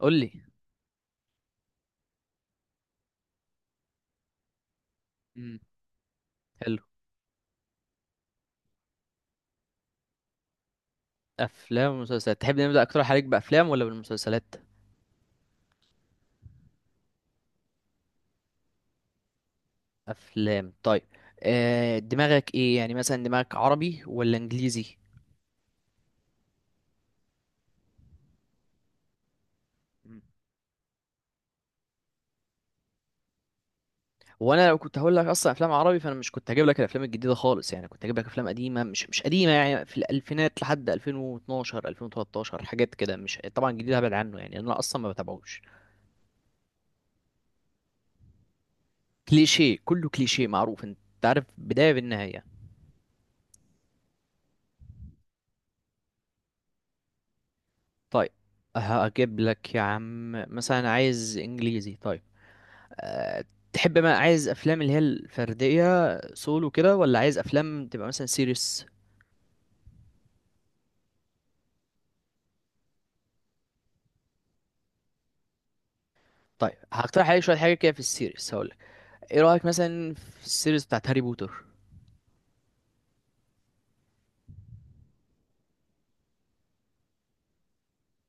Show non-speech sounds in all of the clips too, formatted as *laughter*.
قول لي. مم. حلو. افلام ومسلسلات، تحب نبدا اكتر عليك بافلام ولا بالمسلسلات؟ افلام، طيب. دماغك ايه، يعني مثلا دماغك عربي ولا انجليزي؟ مم. وانا لو كنت هقول لك اصلا افلام عربي فانا مش كنت هجيب لك الافلام الجديده خالص، يعني كنت هجيب لك افلام قديمه، مش قديمه يعني، في الالفينات لحد 2012 2013، حاجات كده، مش طبعا جديده، هبعد عنه، يعني انا اصلا ما بتابعوش. كليشيه، كله كليشيه معروف، انت عارف بدايه بالنهايه. طيب، هجيب لك يا عم، مثلا عايز انجليزي. طيب، آه، تحب ما عايز افلام اللي هي الفرديه سولو كده ولا عايز افلام تبقى مثلا سيريس؟ طيب، هقترح عليك شويه حاجه كده في السيريس هقول لك. ايه رايك مثلا في السيريس بتاعت هاري بوتر؟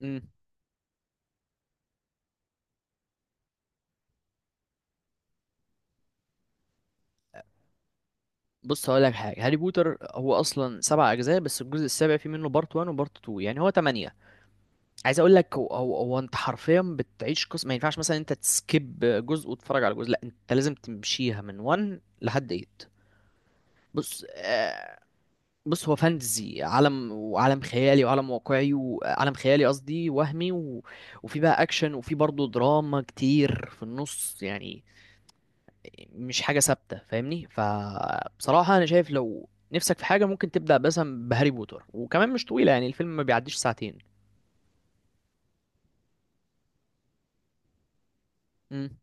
امم بص هقول لك حاجه. هاري بوتر هو اصلا 7 اجزاء، بس الجزء السابع فيه منه بارت 1 وبارت 2، يعني هو 8. عايز اقول لك، هو انت حرفيا بتعيش قصه، ما ينفعش مثلا انت تسكيب جزء وتتفرج على جزء، لا انت لازم تمشيها من 1 لحد 8. بص، بص هو فانتزي، عالم، وعالم خيالي، وعالم واقعي، وعالم خيالي قصدي وهمي، وفي بقى اكشن وفي برضه دراما كتير في النص يعني. مش حاجة ثابتة، فاهمني؟ فبصراحة انا شايف لو نفسك في حاجة ممكن تبدأ مثلا بهاري بوتر، وكمان مش طويلة، يعني الفيلم ما بيعديش ساعتين. امم.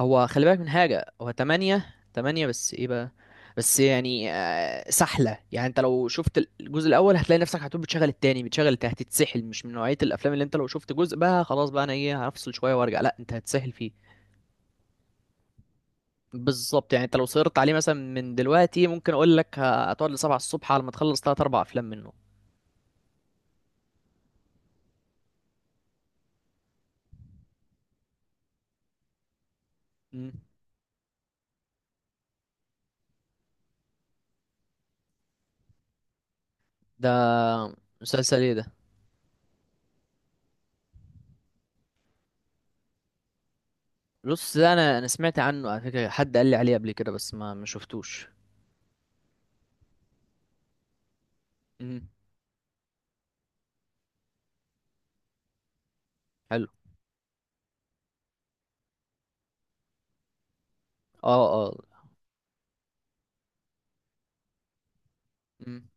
هو خلي بالك من حاجة، هو تمانية. تمانية، بس ايه بقى؟ بس يعني سحلة، يعني انت لو شفت الجزء الأول هتلاقي نفسك هتقول بتشغل التاني بتشغل التاني، هتتسحل. مش من نوعية الأفلام اللي انت لو شفت جزء بقى خلاص بقى أنا ايه هفصل شوية وارجع، لا انت هتسحل فيه. بالظبط، يعني انت لو صرت عليه مثلا من دلوقتي ممكن أقول لك هتقعد لسبعة الصبح على ما تخلص تلات أربع أفلام منه. مم. ده مسلسل ايه ده؟ بص، ده أنا سمعت عنه على فكرة، حد قال لي عليه قبل كده، بس ما شفتوش. مم. حلو، اه، اه. مم.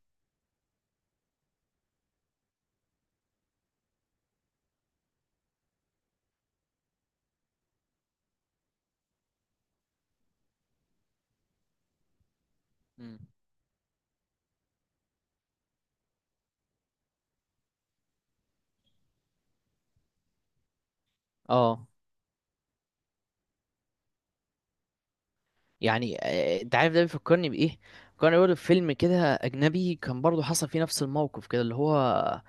مم. اه. يعني انت عارف ده بيفكرني بايه؟ كان بيقول فيلم كده اجنبي، كان برضه حصل فيه نفس الموقف كده، اللي هو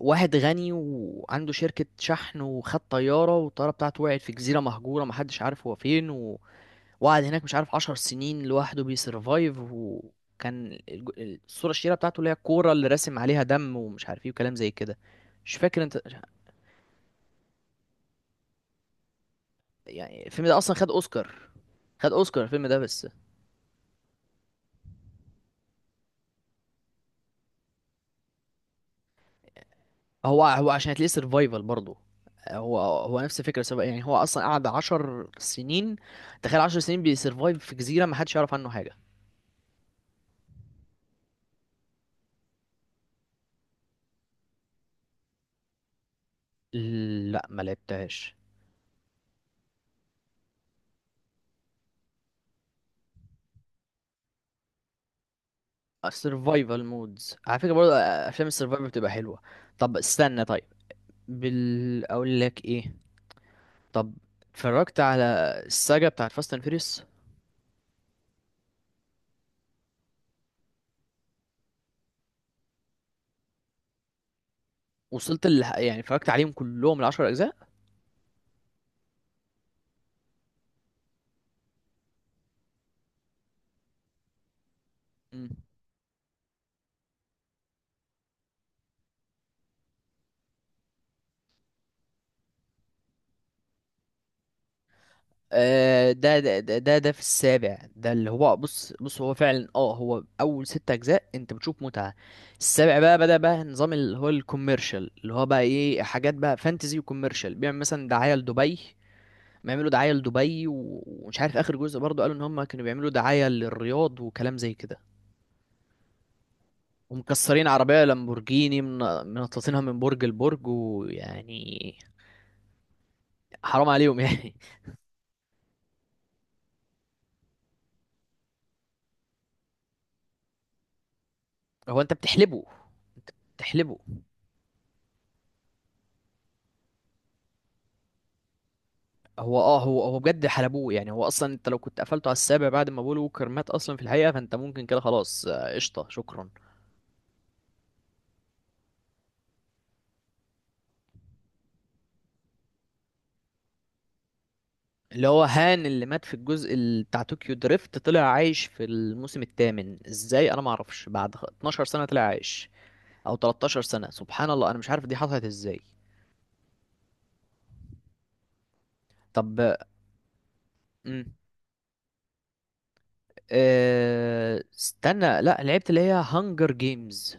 واحد غني وعنده شركة شحن وخد طيارة، والطيارة بتاعته وقعت في جزيرة مهجورة، محدش عارف هو فين، وقعد هناك مش عارف 10 سنين لوحده بيسرفايف، وكان الصورة الشهيرة بتاعته اللي هي الكورة اللي راسم عليها دم ومش عارف ايه وكلام زي كده. مش فاكر انت؟ يعني الفيلم ده اصلا خد اوسكار. خد اوسكار الفيلم ده. بس هو عشان هتلاقيه سرفايفل برضه. هو نفس الفكره، يعني هو اصلا قعد 10 سنين. تخيل، 10 سنين بيسرفايف في جزيره، ما حدش يعرف عنه حاجه. لا، ما لعبتهاش. سرفايفل مودز على فكره برضه، افلام السرفايفل بتبقى حلوه. طب استنى، طيب، بال اقول لك ايه. طب، اتفرجت على الساجا بتاعت فاست اند فيريس؟ وصلت يعني اتفرجت عليهم كلهم، العشر اجزاء؟ ده في السابع، ده اللي هو، بص هو فعلا، هو اول 6 اجزاء انت بتشوف متعة. السابع بقى بدأ بقى نظام اللي هو الكوميرشال، اللي هو بقى ايه، حاجات بقى فانتزي وكوميرشال، بيعمل مثلا دعاية لدبي. بيعملوا دعاية لدبي، ومش عارف اخر جزء برضو قالوا ان هم كانوا بيعملوا دعاية للرياض وكلام زي كده. ومكسرين عربية لامبورجيني، منططينها من برج لبرج، ويعني حرام عليهم يعني. *laughs* هو انت بتحلبه. هو، هو بجد حلبوه، يعني هو اصلا انت لو كنت قفلته على السابع بعد ما بول ووكر مات اصلا في الحقيقه فانت ممكن كده، خلاص، قشطه، شكرا. اللي هو هان اللي مات في الجزء بتاع طوكيو دريفت طلع عايش في الموسم الثامن ازاي، انا ما اعرفش، بعد 12 سنه طلع عايش، او 13 سنه. سبحان الله، انا مش عارف دي حصلت ازاي. طب، امم استنى، لا، لعبت اللي هي هانجر جيمز.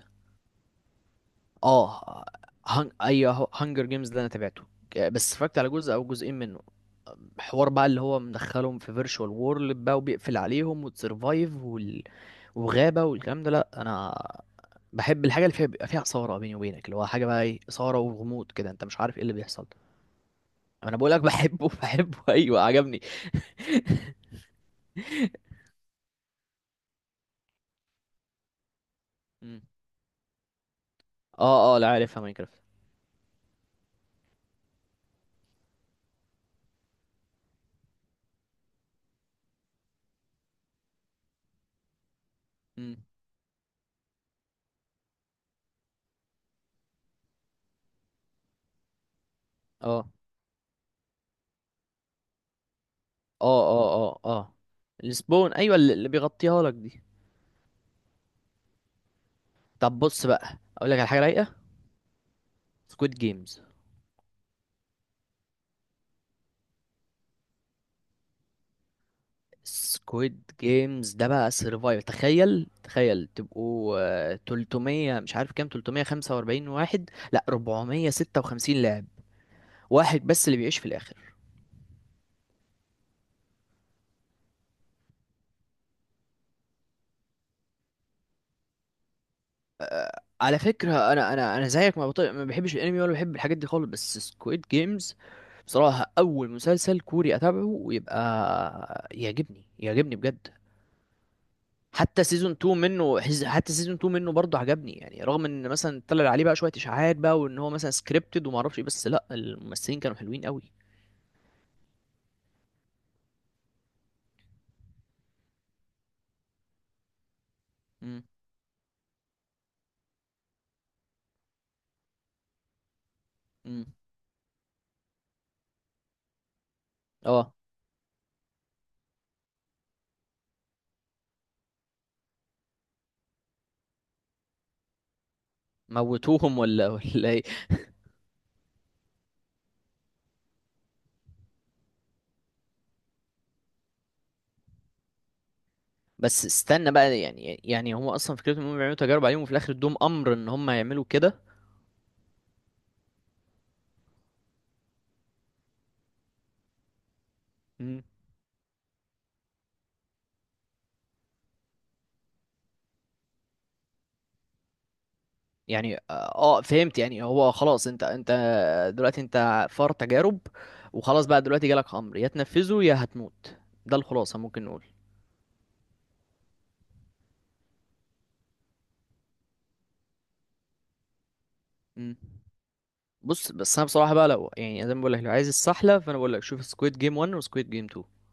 اه. ايوه، هانجر جيمز ده انا تابعته، بس اتفرجت على جزء او جزئين منه. حوار بقى اللي هو مدخلهم في فيرتشوال وورلد بقى وبيقفل عليهم وتسرفايف، وغابة والكلام ده. لا، انا بحب الحاجة اللي فيها بيبقى فيها إثارة، بيني وبينك اللي هو حاجة بقى ايه، إثارة وغموض كده انت مش عارف ايه اللي بيحصل. انا بقول لك بحبه، *laughs* بحبه، ايوه عجبني. مم. اه، اه، لا عارفها ماينكرافت. مم. اه، اه، اه، اه، اه، السبون، ايوه، اللي بيغطيها لك دي. طب بص بقى اقول لك على حاجة رايقة. سكويد جيمز. سكويد جيمز ده بقى سرفايف، تخيل، تخيل تبقوا 300، مش عارف كام، 345 واحد، لا، 456 لاعب، واحد بس اللي بيعيش في الاخر. على فكرة انا، انا زيك، ما, بطيق ما بحبش الانمي، ولا بحب الحاجات دي خالص، بس سكويد جيمز بصراحة اول مسلسل كوري اتابعه ويبقى يعجبني، يعجبني بجد. حتى سيزون 2 منه برضه عجبني، يعني رغم ان مثلا طلع عليه بقى شويه اشاعات بقى، وان هو مثلا سكريبتد وما اعرفش ايه، بس لا، الممثلين كانوا حلوين قوي. امم امم اه موتوهم ولا ايه؟ بس استنى بقى، يعني هم اصلا فكرتهم انهم بيعملوا تجارب عليهم، وفي الاخر ادوهم امر ان هم يعملوا كده. امم. يعني فهمت، يعني هو خلاص، انت دلوقتي انت فار تجارب، وخلاص بقى دلوقتي جالك امر يا تنفذه يا هتموت. ده الخلاصة ممكن نقول. مم. بص، بس انا بصراحه بقى لو يعني زي ما بقول لك لو عايز السحله فانا بقول لك شوف سكويد جيم 1 وسكويد جيم 2.